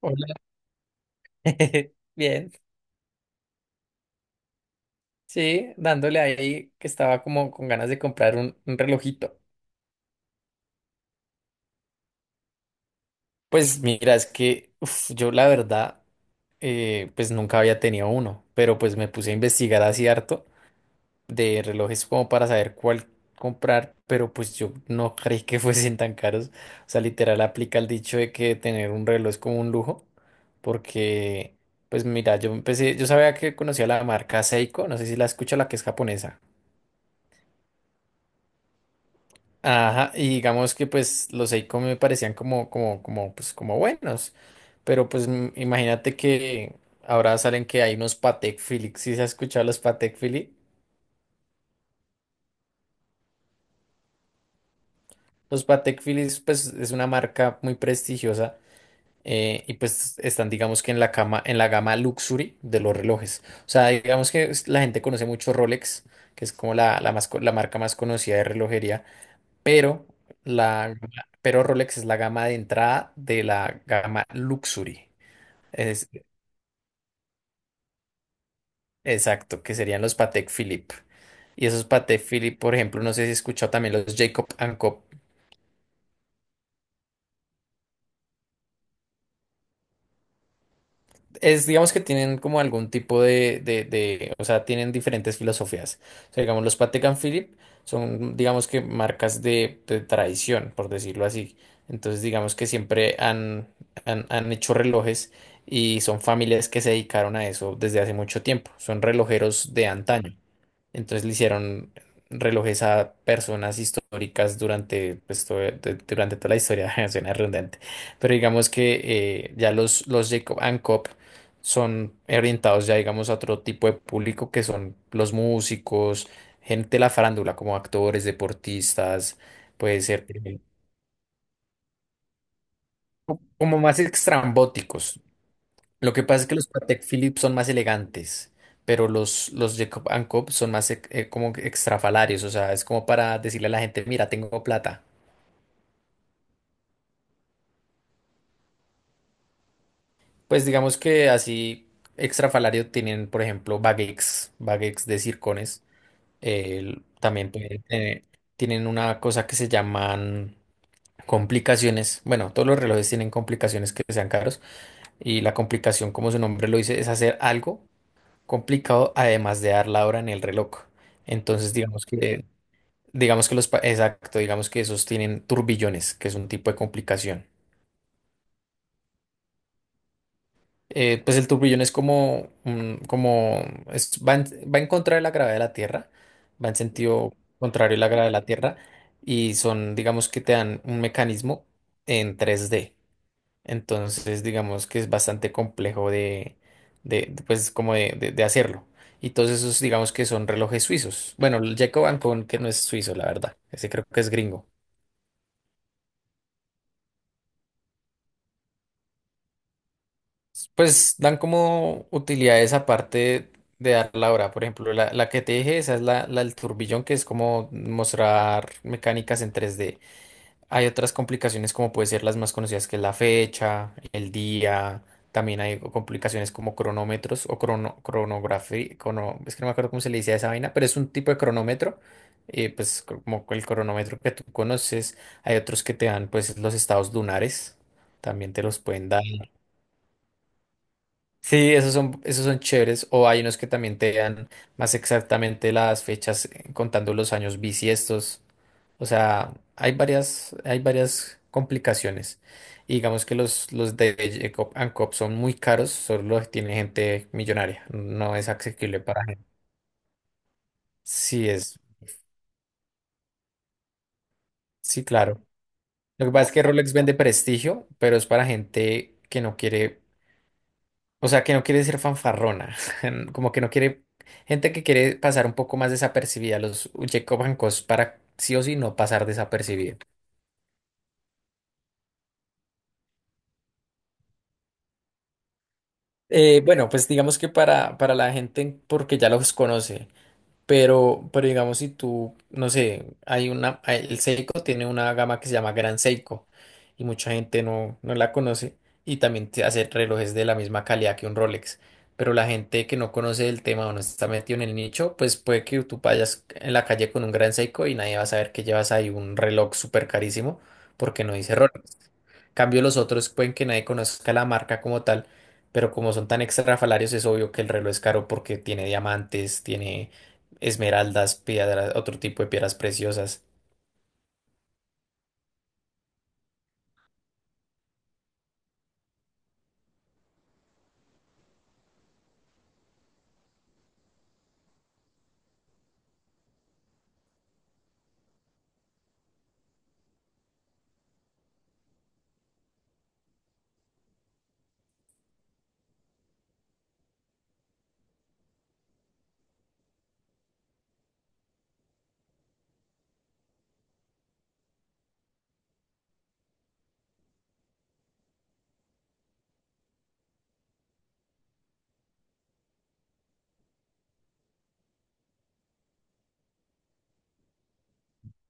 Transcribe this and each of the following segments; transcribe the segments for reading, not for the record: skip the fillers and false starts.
Hola. Bien, sí, dándole ahí que estaba como con ganas de comprar un relojito. Pues mira, es que uf, yo la verdad, pues nunca había tenido uno, pero pues me puse a investigar así harto de relojes como para saber cuál comprar, pero pues yo no creí que fuesen tan caros. O sea, literal aplica el dicho de que tener un reloj es como un lujo, porque pues mira, yo empecé, yo sabía que conocía la marca Seiko, no sé si la escucha, la que es japonesa. Ajá, y digamos que pues los Seiko me parecían pues como buenos, pero pues imagínate que ahora salen que hay unos Patek Philippe, ¿si se ha escuchado los Patek Philippe? Los Patek Philippe pues es una marca muy prestigiosa, y pues están digamos que en la gama luxury de los relojes, o sea digamos que la gente conoce mucho Rolex, que es como más, la marca más conocida de relojería, pero la, pero Rolex es la gama de entrada de la gama Luxury. Es, exacto, que serían los Patek Philippe. Y esos Patek Philippe, por ejemplo, no sé si he escuchado también los Jacob and Co. Es, digamos que tienen como algún tipo o sea, tienen diferentes filosofías. O sea, digamos, los Patek and Philippe son, digamos que marcas de tradición, por decirlo así. Entonces, digamos que siempre han hecho relojes y son familias que se dedicaron a eso desde hace mucho tiempo. Son relojeros de antaño. Entonces le hicieron relojes a personas históricas durante, pues, durante toda la historia, suena redundante, pero digamos que los Jacob and Coop son orientados ya, digamos, a otro tipo de público que son los músicos, gente de la farándula, como actores, deportistas, puede ser, como más extrambóticos. Lo que pasa es que los Patek Philippe son más elegantes, pero los Jacob and Co. son más como que extrafalarios, o sea, es como para decirle a la gente, mira, tengo plata. Pues digamos que así extrafalario tienen, por ejemplo, baguettes, baguettes de circones. También pueden tener, tienen una cosa que se llaman complicaciones. Bueno, todos los relojes tienen complicaciones que sean caros y la complicación, como su nombre lo dice, es hacer algo complicado, además de dar la hora en el reloj. Entonces, digamos que los, exacto, digamos que esos tienen turbillones, que es un tipo de complicación. Pues el turbillón es como, como es- va en, va en contra de la gravedad de la Tierra, va en sentido contrario a la gravedad de la Tierra, y son, digamos que te dan un mecanismo en 3D. Entonces, digamos que es bastante complejo pues, como de hacerlo. Y todos esos, digamos que son relojes suizos. Bueno, el Jacob Ancon, que no es suizo, la verdad. Ese creo que es gringo. Pues dan como utilidades aparte de dar la hora. Por ejemplo, la que te dije, esa es la del turbillón, que es como mostrar mecánicas en tres d. Hay otras complicaciones como puede ser las más conocidas, que es la fecha, el día, también hay complicaciones como cronómetros o cronografía, es que no me acuerdo cómo se le dice a esa vaina, pero es un tipo de cronómetro, pues como el cronómetro que tú conoces, hay otros que te dan pues los estados lunares, también te los pueden dar. Sí, esos son chéveres. O hay unos que también te dan más exactamente las fechas, contando los años bisiestos. O sea, hay varias complicaciones. Y digamos que los de Jacob and Coop son muy caros, solo los tiene gente millonaria. No es accesible para gente. Sí, es, sí, claro. Lo que pasa es que Rolex vende prestigio, pero es para gente que no quiere. O sea, que no quiere ser fanfarrona, como que no quiere, gente que quiere pasar un poco más desapercibida, los Jacob Hancock para sí o sí no pasar desapercibido. Bueno, pues digamos que para la gente, porque ya los conoce. Pero digamos, si tú, no sé, el Seiko tiene una gama que se llama Gran Seiko y mucha gente no la conoce, y también te hace relojes de la misma calidad que un Rolex. Pero la gente que no conoce el tema o no está metido en el nicho, pues puede que tú vayas en la calle con un Gran Seiko y nadie va a saber que llevas ahí un reloj súper carísimo porque no dice Rolex. Cambio los otros pueden que nadie conozca la marca como tal, pero como son tan extrafalarios es obvio que el reloj es caro porque tiene diamantes, tiene esmeraldas, piedras, otro tipo de piedras preciosas.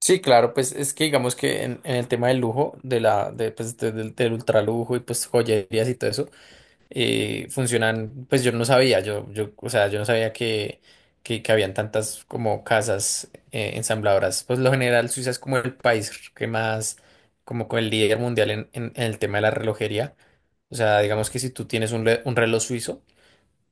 Sí, claro, pues es que digamos que en el tema del lujo, de la, de, pues, de- del, del ultralujo y pues joyerías y todo eso, funcionan, pues yo no sabía, o sea, yo no sabía que habían tantas como casas, ensambladoras. Pues lo general Suiza es como el país que más, como con el líder mundial en el tema de la relojería. O sea, digamos que si tú tienes un, un reloj suizo,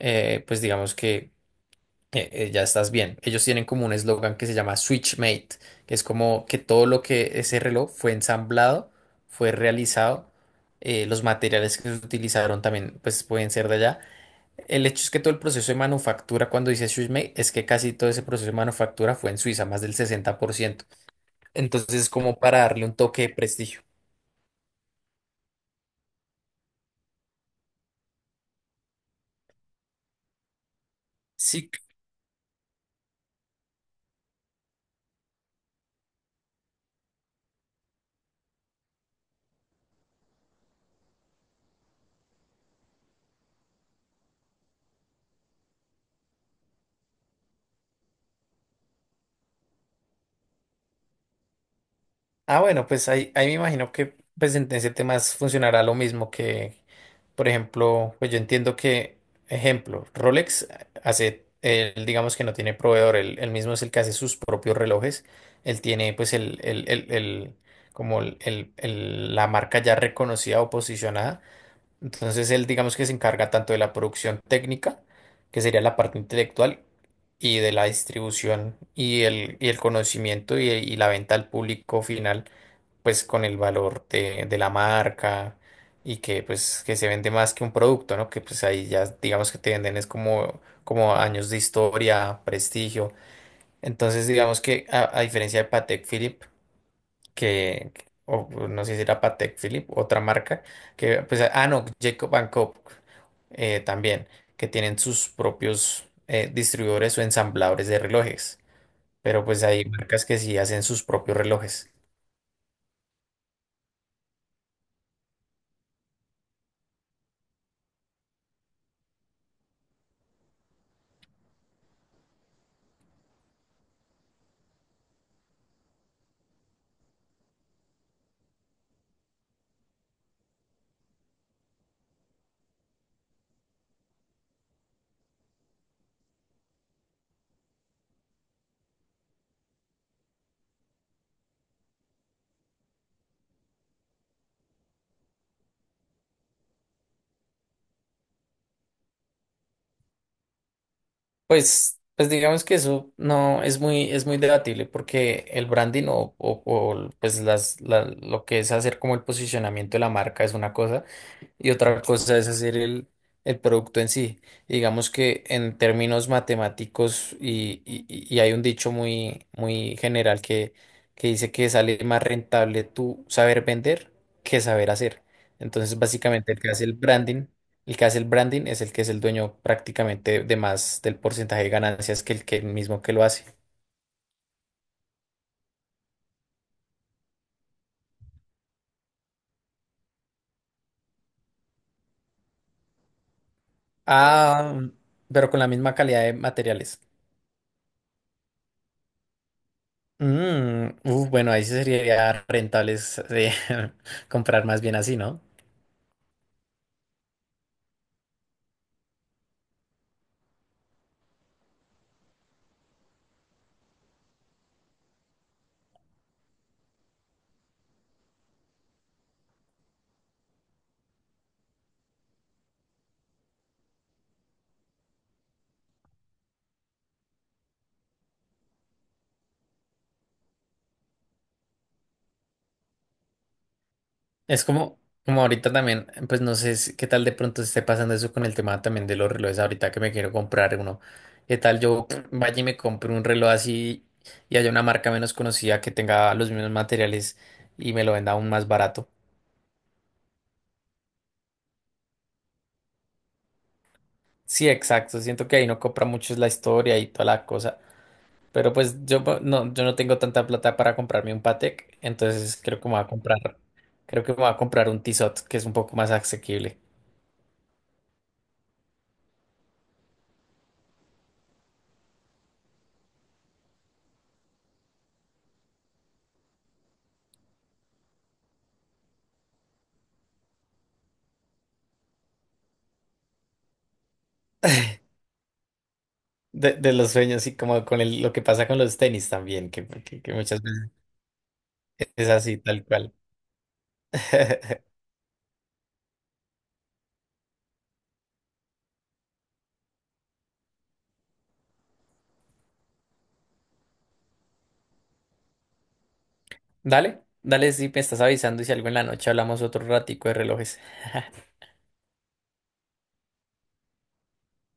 pues digamos que ya estás bien. Ellos tienen como un eslogan que se llama Switch Made, que es como que todo lo que ese reloj fue ensamblado, fue realizado. Los materiales que se utilizaron también pues pueden ser de allá. El hecho es que todo el proceso de manufactura, cuando dice Suisse, es que casi todo ese proceso de manufactura fue en Suiza, más del 60%. Entonces, es como para darle un toque de prestigio. Sí. Ah, bueno, pues ahí, ahí me imagino que pues, en ese tema funcionará lo mismo que, por ejemplo, pues yo entiendo que, ejemplo, Rolex hace, él, digamos que no tiene proveedor, él mismo es el que hace sus propios relojes. Él tiene, pues, como la marca ya reconocida o posicionada. Entonces él, digamos que se encarga tanto de la producción técnica, que sería la parte intelectual, y de la distribución y el conocimiento y la venta al público final, pues con el valor de la marca y que pues que se vende más que un producto, ¿no? Que pues ahí ya digamos que te venden es como, como años de historia, prestigio. Entonces digamos que a diferencia de Patek Philippe, que, o pues, no sé si era Patek Philippe, otra marca, que, pues, ah, no, Jacob Cope, también, que tienen sus propios, distribuidores o ensambladores de relojes, pero pues hay marcas que sí hacen sus propios relojes. Pues digamos que eso no es muy, es muy debatible porque el branding pues lo que es hacer como el posicionamiento de la marca es una cosa y otra cosa es hacer el producto en sí. Digamos que en términos matemáticos y hay un dicho muy, muy general que dice que sale más rentable tú saber vender que saber hacer. Entonces, básicamente el que hace el branding, el que hace el branding es el que es el dueño prácticamente de más del porcentaje de ganancias que el mismo que lo hace. Ah, pero con la misma calidad de materiales. Bueno, ahí sí sería rentables de comprar más bien así, ¿no? Es como, como ahorita también, pues no sé qué tal de pronto esté pasando eso con el tema también de los relojes ahorita que me quiero comprar uno. ¿Qué tal yo vaya y me compre un reloj así y haya una marca menos conocida que tenga los mismos materiales y me lo venda aún más barato? Sí, exacto. Siento que ahí no compra mucho es la historia y toda la cosa. Pero pues yo no, yo no tengo tanta plata para comprarme un Patek, entonces creo que me voy a comprar, creo que me voy a comprar un Tissot, que es un poco más asequible. De los sueños y como con lo que pasa con los tenis también, que muchas veces es así, tal cual. Dale, dale, si me estás avisando y si algo en la noche hablamos otro ratico de relojes.